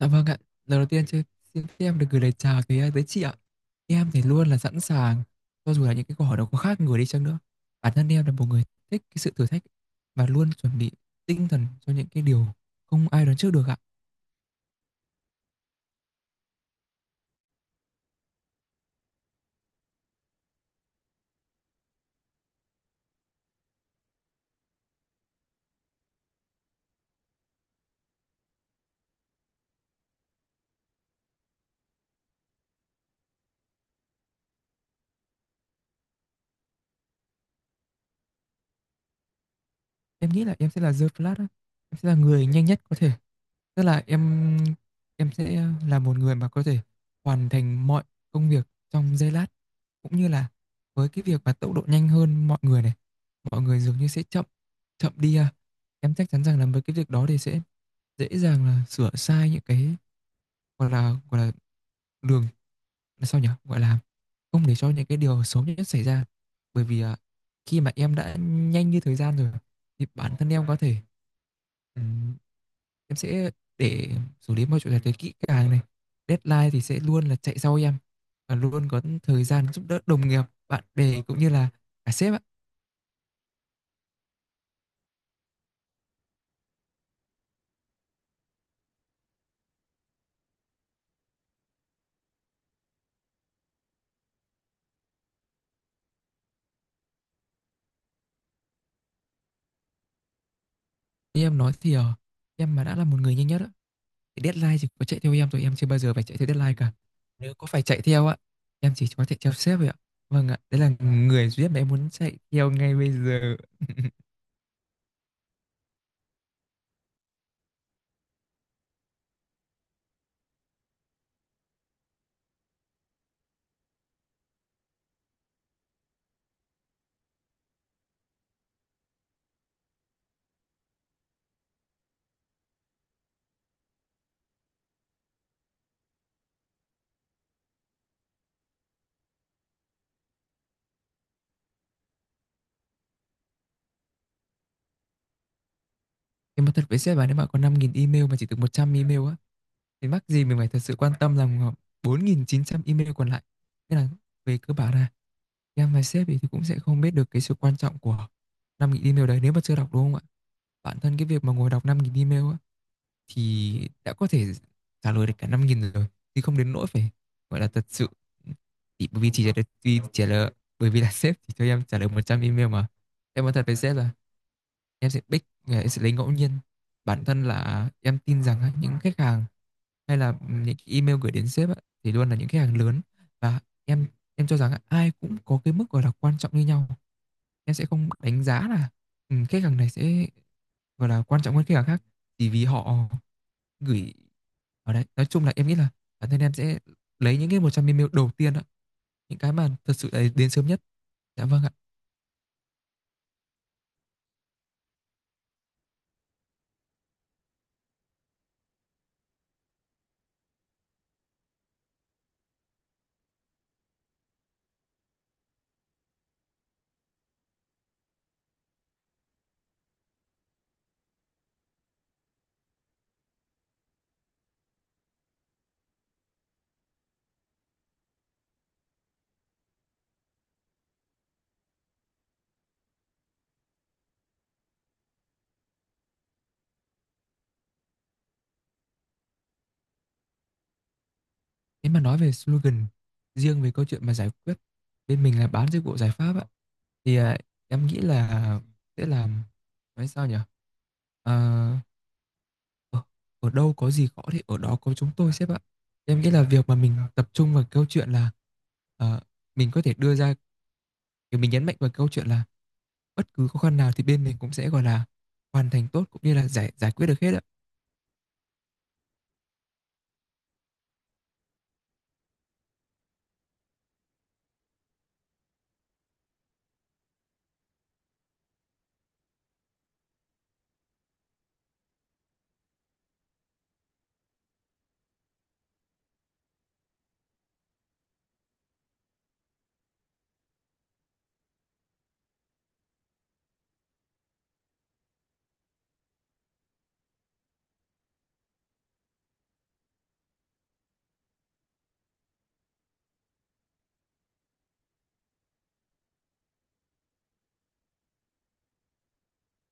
Dạ vâng ạ. Lần đầu tiên chứ, xin phép được gửi lời chào tới tới chị ạ. Em thì luôn là sẵn sàng cho dù là những cái câu hỏi nó có khác người đi chăng nữa. Bản thân em là một người thích cái sự thử thách và luôn chuẩn bị tinh thần cho những cái điều không ai đoán trước được ạ. Em nghĩ là em sẽ là The Flash á. Em sẽ là người nhanh nhất có thể. Tức là em sẽ là một người mà có thể hoàn thành mọi công việc trong giây lát, cũng như là với cái việc mà tốc độ nhanh hơn mọi người này, mọi người dường như sẽ chậm chậm đi à. Em chắc chắn rằng là với cái việc đó thì sẽ dễ dàng là sửa sai những cái, gọi là đường, là sao nhỉ? Gọi là không để cho những cái điều xấu nhất xảy ra. Bởi vì khi mà em đã nhanh như thời gian rồi thì bản thân em có thể, ừm, em sẽ để xử lý mọi chuyện thật là kỹ càng này. Deadline thì sẽ luôn là chạy sau em, và luôn có thời gian giúp đỡ đồng nghiệp, bạn bè cũng như là cả sếp ạ. Như em nói thì, em mà đã là một người nhanh nhất á, thì Deadline thì có chạy theo em thôi, em chưa bao giờ phải chạy theo deadline cả. Nếu có phải chạy theo á, em chỉ có chạy theo sếp vậy ạ. Vâng ạ, đấy là người duy nhất mà em muốn chạy theo ngay bây giờ. Em nói thật với sếp là nếu mà có 5.000 email mà chỉ được 100 email á, thì mắc gì mình phải thật sự quan tâm làm 4.900 email còn lại. Nên là về cơ bản là em và sếp thì cũng sẽ không biết được cái sự quan trọng của 5.000 email đấy nếu mà chưa đọc, đúng không ạ? Bản thân cái việc mà ngồi đọc 5.000 email á, thì đã có thể trả lời được cả 5.000 rồi, thì không đến nỗi phải gọi là thật sự, thì bởi vì chỉ là vì trả lời, bởi vì là sếp thì cho em trả lời 100 email mà. Em nói thật với sếp là em sẽ pick, em sẽ lấy ngẫu nhiên. Bản thân là em tin rằng những khách hàng hay là những email gửi đến sếp thì luôn là những khách hàng lớn, và em em cho rằng ai cũng có cái mức gọi là quan trọng như nhau. Em sẽ không đánh giá là khách hàng này sẽ gọi là quan trọng hơn khách hàng khác chỉ vì họ gửi ở đấy. Nói chung là em nghĩ là bản thân em sẽ lấy những cái 100 ml đầu tiên ạ, những cái mà thật sự là đến sớm nhất. Dạ vâng ạ. Nếu mà nói về slogan, riêng về câu chuyện mà giải quyết bên mình là bán dịch vụ giải pháp ạ, thì em nghĩ là sẽ làm, nói sao nhỉ. Ờ, ở, ở đâu có gì khó thì ở đó có chúng tôi, sếp ạ. Em nghĩ là việc mà mình tập trung vào câu chuyện là, ờ, mình có thể đưa ra, kiểu mình nhấn mạnh vào câu chuyện là bất cứ khó khăn nào thì bên mình cũng sẽ, gọi là, hoàn thành tốt cũng như là giải giải quyết được hết á.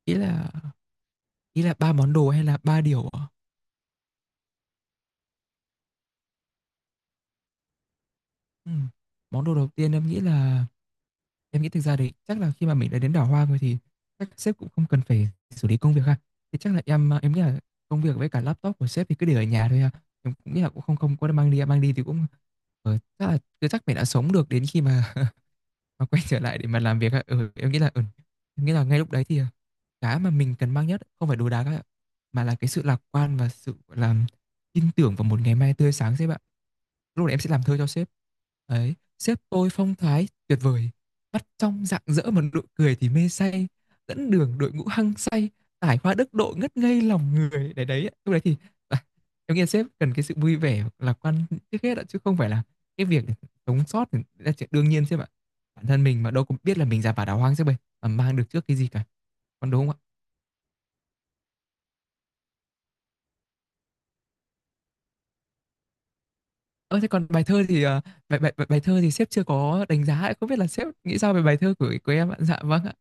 Ý là ý là 3 món đồ hay là 3 điều ạ? Ừm, Món đồ đầu tiên em nghĩ là, em nghĩ thực ra đấy chắc là khi mà mình đã đến đảo Hoa rồi thì chắc sếp cũng không cần phải xử lý công việc ha. Thì chắc là em nghĩ là công việc với cả laptop của sếp thì cứ để ở nhà thôi ha. Em cũng nghĩ là cũng không không có mang đi thì cũng, ờ, chắc là chắc mình đã sống được đến khi mà nó quay trở lại để mà làm việc á. Ừ, em nghĩ là, ngay lúc đấy thì cái mà mình cần mang nhất không phải đồ đạc các bạn ạ, mà là cái sự lạc quan và sự, gọi là, tin tưởng vào một ngày mai tươi sáng. Sẽ, bạn, lúc này em sẽ làm thơ cho sếp ấy. Sếp tôi phong thái tuyệt vời, mắt trong rạng rỡ mà nụ cười thì mê say, dẫn đường đội ngũ hăng say, tài hoa đức độ ngất ngây lòng người. Đấy đấy, lúc đấy thì à, em nghĩ sếp cần cái sự vui vẻ lạc quan trước hết ạ, chứ không phải là cái việc. Sống sót thì là chuyện đương nhiên sếp ạ, bản thân mình mà đâu có biết là mình ra vào đào hoang sếp ơi, mà mang được trước cái gì cả, còn đúng không ạ? Ơ thế còn bài thơ thì à, bài, bài bài bài thơ thì sếp chưa có đánh giá ạ. Không biết là sếp nghĩ sao về bài thơ của em ạ? Dạ vâng ạ.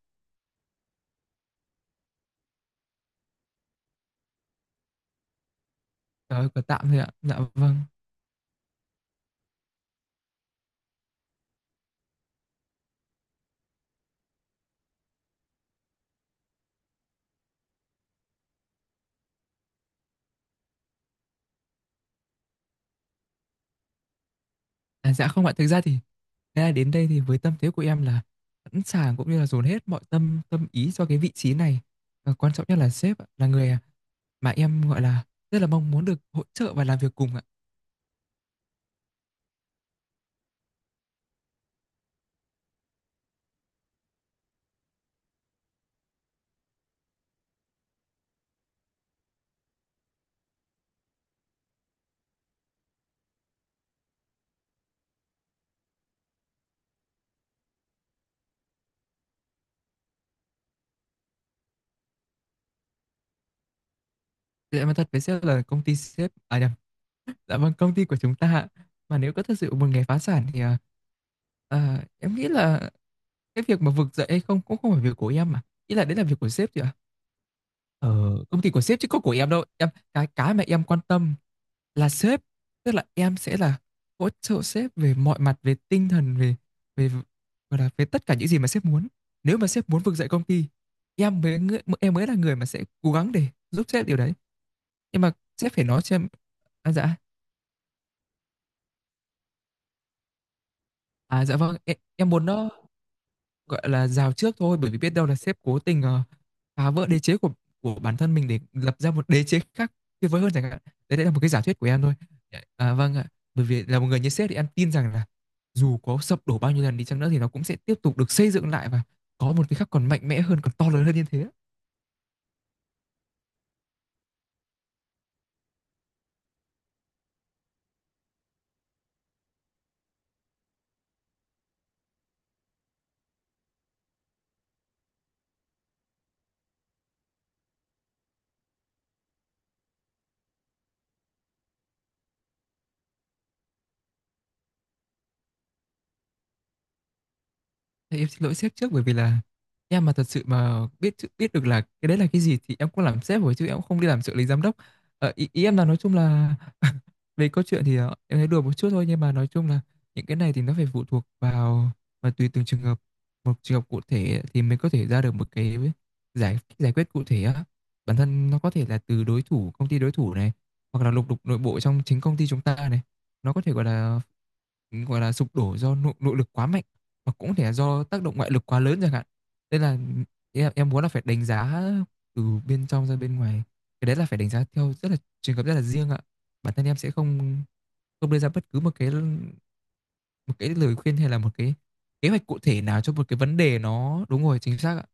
Trời ơi, có tạm thôi ạ. Dạ vâng. À, dạ không ạ. Thực ra thì, thế là đến đây thì với tâm thế của em là sẵn sàng, cũng như là dồn hết mọi tâm tâm ý cho cái vị trí này. Và quan trọng nhất là sếp ạ, là người mà em gọi là rất là mong muốn được hỗ trợ và làm việc cùng ạ. Thì em nói thật với sếp là công ty sếp, à nhầm, dạ vâng, công ty của chúng ta ạ. Mà nếu có thật sự một ngày phá sản thì, em nghĩ là cái việc mà vực dậy hay không cũng không phải việc của em mà. Ý là đấy là việc của sếp thì ạ. Ờ, Công ty của sếp chứ có của em đâu. Cái mà em quan tâm là sếp, tức là em sẽ là hỗ trợ sếp về mọi mặt, về tinh thần, về về gọi là về tất cả những gì mà sếp muốn. Nếu mà sếp muốn vực dậy công ty, em mới là người mà sẽ cố gắng để giúp sếp điều đấy. Nhưng mà sếp phải nói cho em. À dạ. À dạ vâng, em muốn nó, gọi là, rào trước thôi, bởi vì biết đâu là sếp cố tình phá vỡ đế chế của bản thân mình để lập ra một đế chế khác tuyệt vời hơn chẳng hạn. Đấy, đấy là một cái giả thuyết của em thôi à. Vâng ạ, bởi vì là một người như sếp thì em tin rằng là dù có sập đổ bao nhiêu lần đi chăng nữa thì nó cũng sẽ tiếp tục được xây dựng lại, và có một cái khác còn mạnh mẽ hơn, còn to lớn hơn như thế. Thì em xin lỗi sếp trước, bởi vì là em mà thật sự mà biết biết được là cái đấy là cái gì thì em cũng làm sếp rồi chứ em cũng không đi làm trợ lý giám đốc. Ý em là, nói chung là, về câu chuyện thì em thấy đùa một chút thôi, nhưng mà nói chung là những cái này thì nó phải phụ thuộc vào và tùy từng trường hợp. Một trường hợp cụ thể thì mình có thể ra được một cái giải giải quyết cụ thể á. Bản thân nó có thể là từ đối thủ, công ty đối thủ này, hoặc là lục đục nội bộ trong chính công ty chúng ta này, nó có thể, gọi là, sụp đổ do nội lực quá mạnh, và cũng có thể là do tác động ngoại lực quá lớn chẳng hạn. Nên là, em muốn là phải đánh giá từ bên trong ra bên ngoài, cái đấy là phải đánh giá theo rất là trường hợp, rất là riêng ạ. Bản thân em sẽ không không đưa ra bất cứ một cái, lời khuyên hay là một cái kế hoạch cụ thể nào cho một cái vấn đề nó. Đúng rồi, chính xác ạ.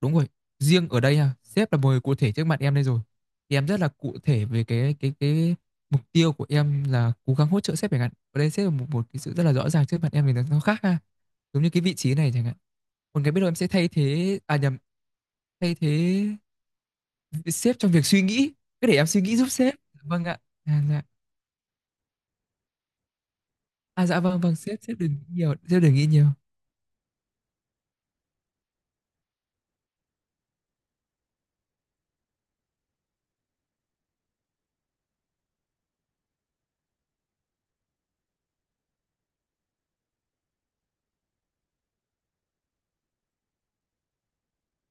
Đúng rồi, riêng ở đây ha, sếp là một người cụ thể trước mặt em đây rồi. Thì em rất là cụ thể về cái mục tiêu của em là cố gắng hỗ trợ sếp chẳng hạn. Ở đây sếp là một cái sự rất là rõ ràng trước mặt em thì nó khác ha. Giống như cái vị trí này chẳng hạn. Còn cái, biết đâu em sẽ thay thế, à nhầm, thay thế sếp trong việc suy nghĩ, cứ để em suy nghĩ giúp sếp. Vâng ạ. À dạ. À dạ vâng, vâng sếp sếp đừng nghĩ nhiều, sếp đừng nghĩ nhiều.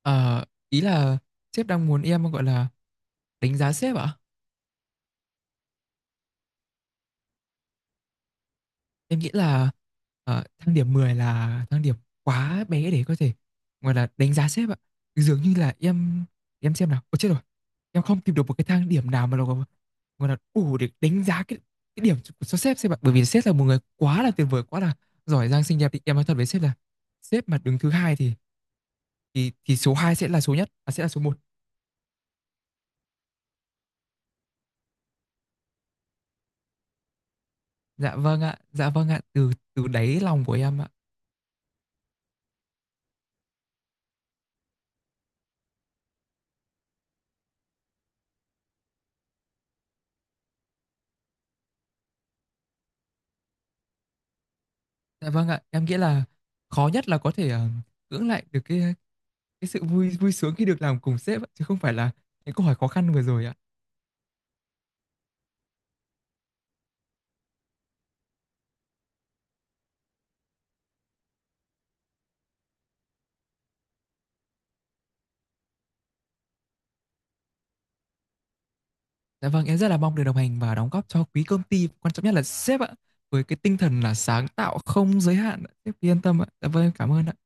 Ờ ý là sếp đang muốn em, gọi là, đánh giá sếp ạ? Em nghĩ là thang điểm 10 là thang điểm quá bé để có thể, gọi là, đánh giá sếp ạ. Dường như là em xem nào. Ôi chết rồi. Em không tìm được một cái thang điểm nào mà nó, gọi gọi là đủ để đánh giá cái, điểm của cho sếp, ạ. Bởi vì sếp là một người quá là tuyệt vời, quá là giỏi giang xinh đẹp, thì em nói thật với sếp là sếp mà đứng thứ hai thì, số 2 sẽ là số nhất, à, sẽ là số một. Dạ vâng ạ, từ từ đáy lòng của em ạ. Dạ vâng ạ, em nghĩ là khó nhất là có thể cưỡng lại được cái sự vui vui sướng khi được làm cùng sếp ạ, chứ không phải là những câu hỏi khó khăn vừa rồi ạ. Dạ vâng, em rất là mong được đồng hành và đóng góp cho quý công ty, quan trọng nhất là sếp ạ, với cái tinh thần là sáng tạo không giới hạn ạ. Sếp cứ yên tâm ạ. Dạ vâng, em cảm ơn ạ.